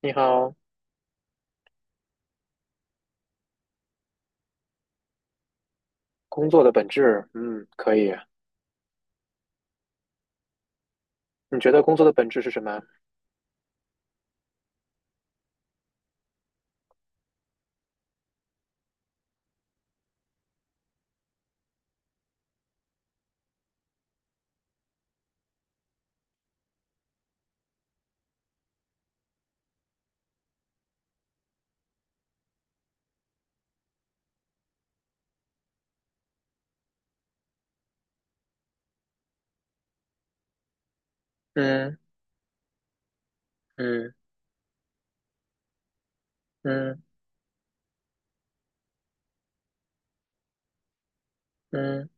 你好，工作的本质，嗯，可以。你觉得工作的本质是什么？嗯嗯嗯嗯，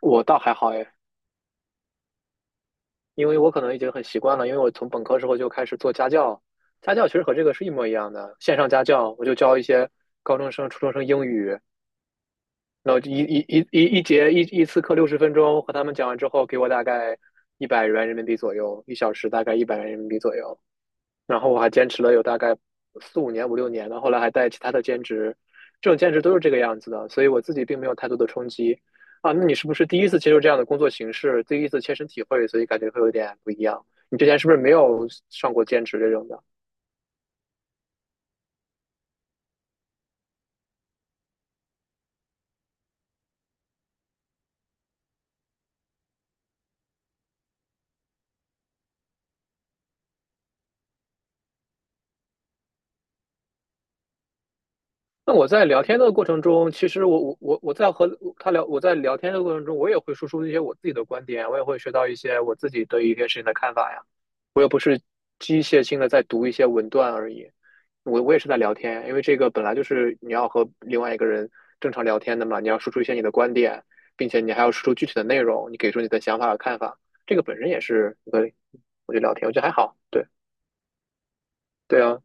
我倒还好哎，因为我可能已经很习惯了，因为我从本科时候就开始做家教，家教其实和这个是一模一样的，线上家教，我就教一些高中生、初中生英语，然后一节一次课60分钟，和他们讲完之后，给我大概一百元人民币左右，1小时大概一百元人民币左右，然后我还坚持了有大概4、5年、5、6年的，后来还带其他的兼职，这种兼职都是这个样子的，所以我自己并没有太多的冲击。啊，那你是不是第一次接受这样的工作形式，第一次切身体会，所以感觉会有点不一样？你之前是不是没有上过兼职这种的？那我在聊天的过程中，其实我在和他聊，我在聊天的过程中，我也会输出一些我自己的观点，我也会学到一些我自己对于一些事情的看法呀。机械性的在读一些文段而已。我也是在聊天，因为这个本来就是你要和另外一个人正常聊天的嘛，你要输出一些你的观点，并且你还要输出具体的内容，你给出你的想法和看法，这个本身也是一个，我觉得聊天，我觉得还好。对对啊，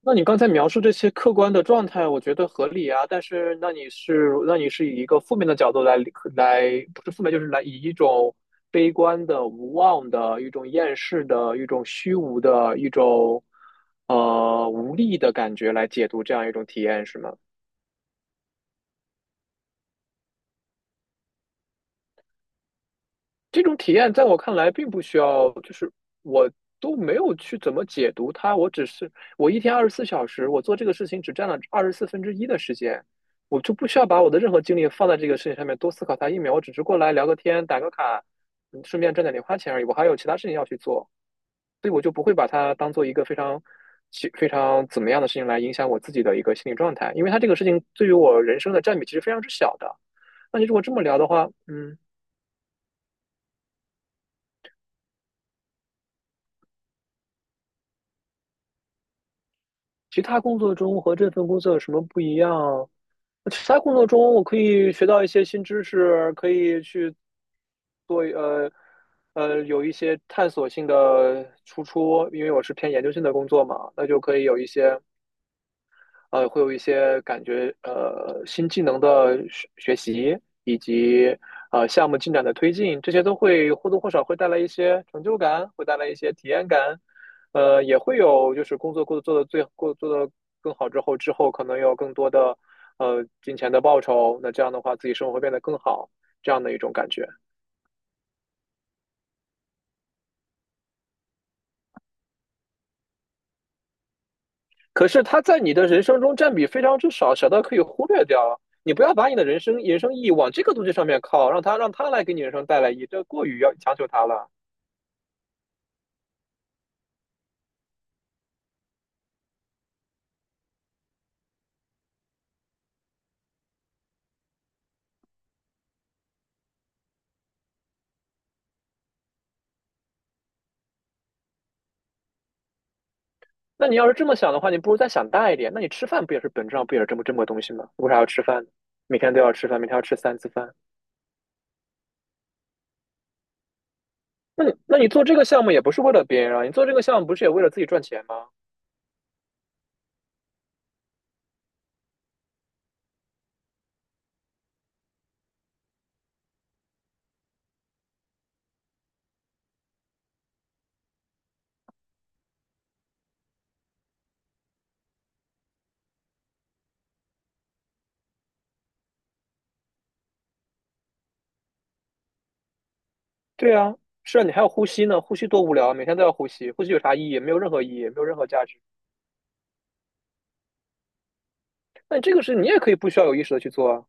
那你刚才描述这些客观的状态，我觉得合理啊。但是，那你是以一个负面的角度来，不是负面，就是来以一种悲观的、无望的、一种厌世的、一种虚无的、一种无力的感觉来解读这样一种体验，是吗？这种体验在我看来并不需要，就是我都没有去怎么解读它，我只是我一天24小时，我做这个事情只占了1/24的时间，我就不需要把我的任何精力放在这个事情上面多思考它1秒，我只是过来聊个天、打个卡，顺便赚点零花钱而已，我还有其他事情要去做，所以我就不会把它当做一个非常非常怎么样的事情来影响我自己的一个心理状态，因为它这个事情对于我人生的占比其实非常之小的。那你如果这么聊的话，嗯。其他工作中和这份工作有什么不一样？其他工作中我可以学到一些新知识，可以去做有一些探索性的输出，因为我是偏研究性的工作嘛，那就可以有一些会有一些感觉新技能的学习，以及项目进展的推进，这些都会或多或少会带来一些成就感，会带来一些体验感，也会有就是工作过得做的最过做的更好之后，之后可能有更多的金钱的报酬，那这样的话自己生活会变得更好，这样的一种感觉。可是它在你的人生中占比非常之少，小到可以忽略掉啊。你不要把你的人生意义往这个东西上面靠，让它来给你人生带来意义，这过于要强求它了。那你要是这么想的话，你不如再想大一点。那你吃饭不也是本质上不也是这么个东西吗？为啥要吃饭，每天都要吃饭，每天要吃三次饭。那你做这个项目也不是为了别人啊，你做这个项目不是也为了自己赚钱吗？对啊，是啊，你还要呼吸呢，呼吸多无聊啊，每天都要呼吸，呼吸有啥意义？没有任何意义，没有任何价值。那这个事你也可以不需要有意识的去做啊。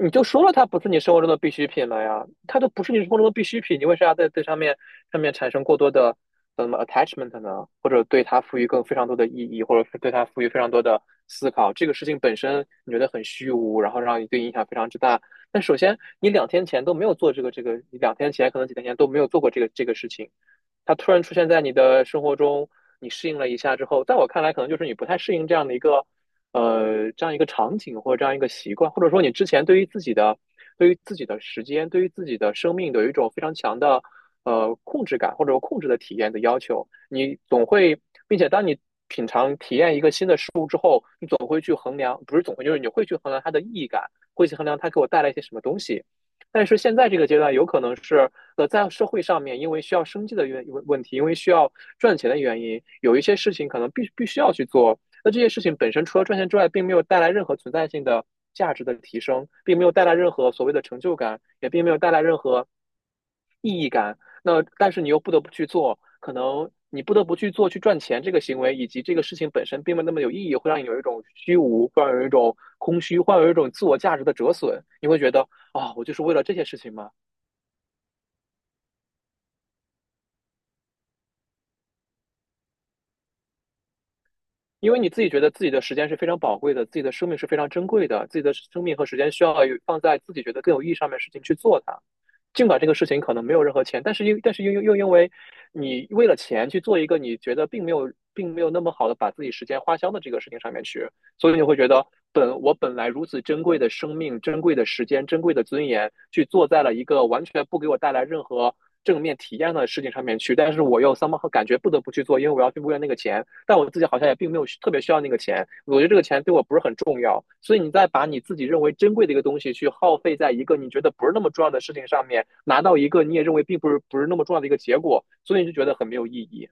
你就说了它不是你生活中的必需品了呀，它都不是你生活中的必需品，你为啥要在这上面产生过多的什么 attachment 呢？或者对它赋予更非常多的意义，或者对它赋予非常多的思考？这个事情本身你觉得很虚无，然后让你对影响非常之大。但首先，你两天前都没有做这个，你两天前可能几天前都没有做过这个事情，它突然出现在你的生活中，你适应了一下之后，在我看来，可能就是你不太适应这样的一个这样一个场景或者这样一个习惯，或者说你之前对于自己的时间、对于自己的生命有一种非常强的控制感或者控制的体验的要求，你总会，并且当你品尝体验一个新的事总会去衡量，不是总会，就是你会去衡量它的意义感，会去衡量它给我带来一些什么东西。但是现在这个阶段，有可能是在社会上面，因为需要生计的问题，因为需要赚钱的原因，有一些事情可能必须要去做。那这些事情本身除了赚钱之外，并没有带来任何存在性的价值的提升，并没有带来任何所谓的成就感，也并没有带来任何意义感。那但是你又不得不去做，可能你不得不去做去赚钱这个行为，以及这个事情本身并没有那么有意义，会让你有一种虚无，会让你有一种空虚，会让你有一种自我价值的折损。你会觉得啊、哦我就是为了这些事情吗？因为你自己觉得自己的时间是非常宝贵的，自己的生命是非常珍贵的，自己的生命和时间需要有放在自己觉得更有意义上面的事情去做它。尽管这个事情可能没有任何钱，但是又因为你为了钱去做一个你觉得并没有那么好的把自己时间花销的这个事情上面去，所以你会觉得本来如此珍贵的生命、珍贵的时间、珍贵的尊严，去做在了一个完全不给我带来任何正面体验的事情上面去，但是我又 somehow 感觉不得不去做，因为我要去为了那个钱。但我自己好像也并没有特别需要那个钱，我觉得这个钱对我不是很重要，所以你再把你自己认为珍贵的一个东西去耗费在一个你觉得不是那么重要的事情上面，拿到一个你也认为并不是那么重要的一个结果，所以你就觉得很没有意义。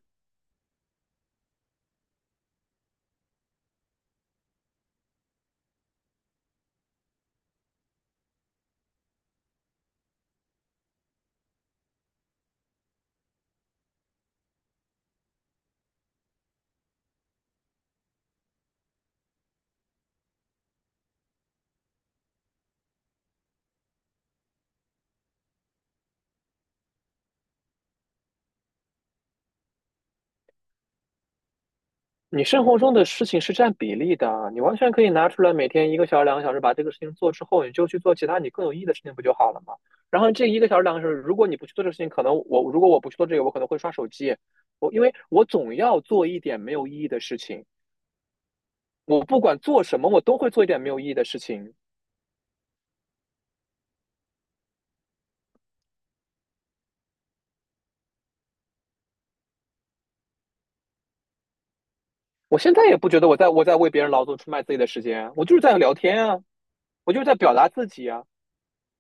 你生活中的事情是占比例的，你完全可以拿出来每天一个小时、两个小时把这个事情做之后，你就去做其他你更有意义的事情不就好了吗？然后这一个小时、两个小时，如果你不去做这个事情，可能我如果我不去做这个，我可能会刷手机，因为我总要做一点没有意义的事情。我不管做什么，我都会做一点没有意义的事情。我现在也不觉得我在为别人劳动、出卖自己的时间啊，我就是在聊天啊，我就是在表达自己啊。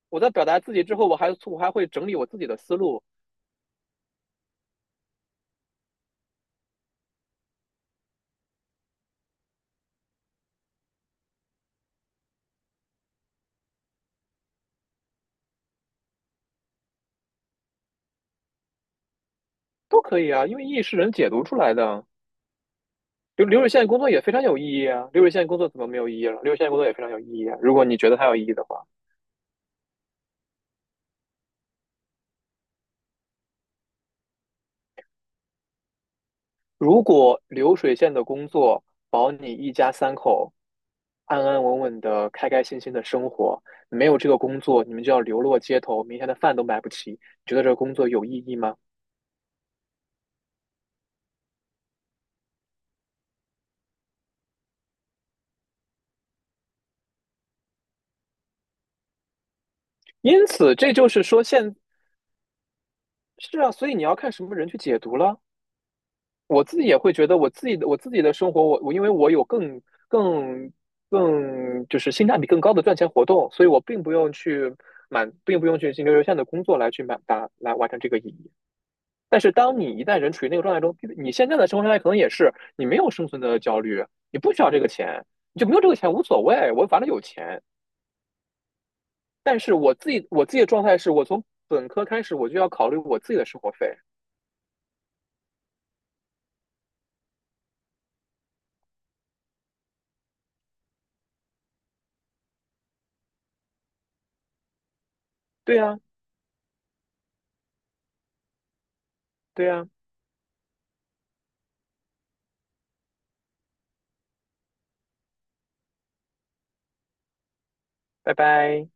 我在表达自己之后，我还会整理我自己的思路，都可以啊，因为意义是人解读出来的啊。流水线工作也非常有意义啊，流水线工作怎么没有意义了？流水线工作也非常有意义啊。如果你觉得它有意义的话，如果流水线的工作保你一家三口安安稳稳的、开开心心的生活。没有这个工作，你们就要流落街头，明天的饭都买不起。你觉得这个工作有意义吗？因此，这就是说，是啊，所以你要看什么人去解读了。我自己也会觉得，我自己的生活，我因为我有更更就是性价比更高的赚钱活动，所以我并不用去并不用去进流线的工作来去来完成这个意义。但是当你一旦人处于那个状态中，你现在的生活状态可能也是你没有生存的焦虑，你不需要这个钱，你就没有这个钱无所谓，我反正有钱。但是我自己的状态是我从本科开始我就要考虑我自己的生活费。对呀，对呀，拜拜。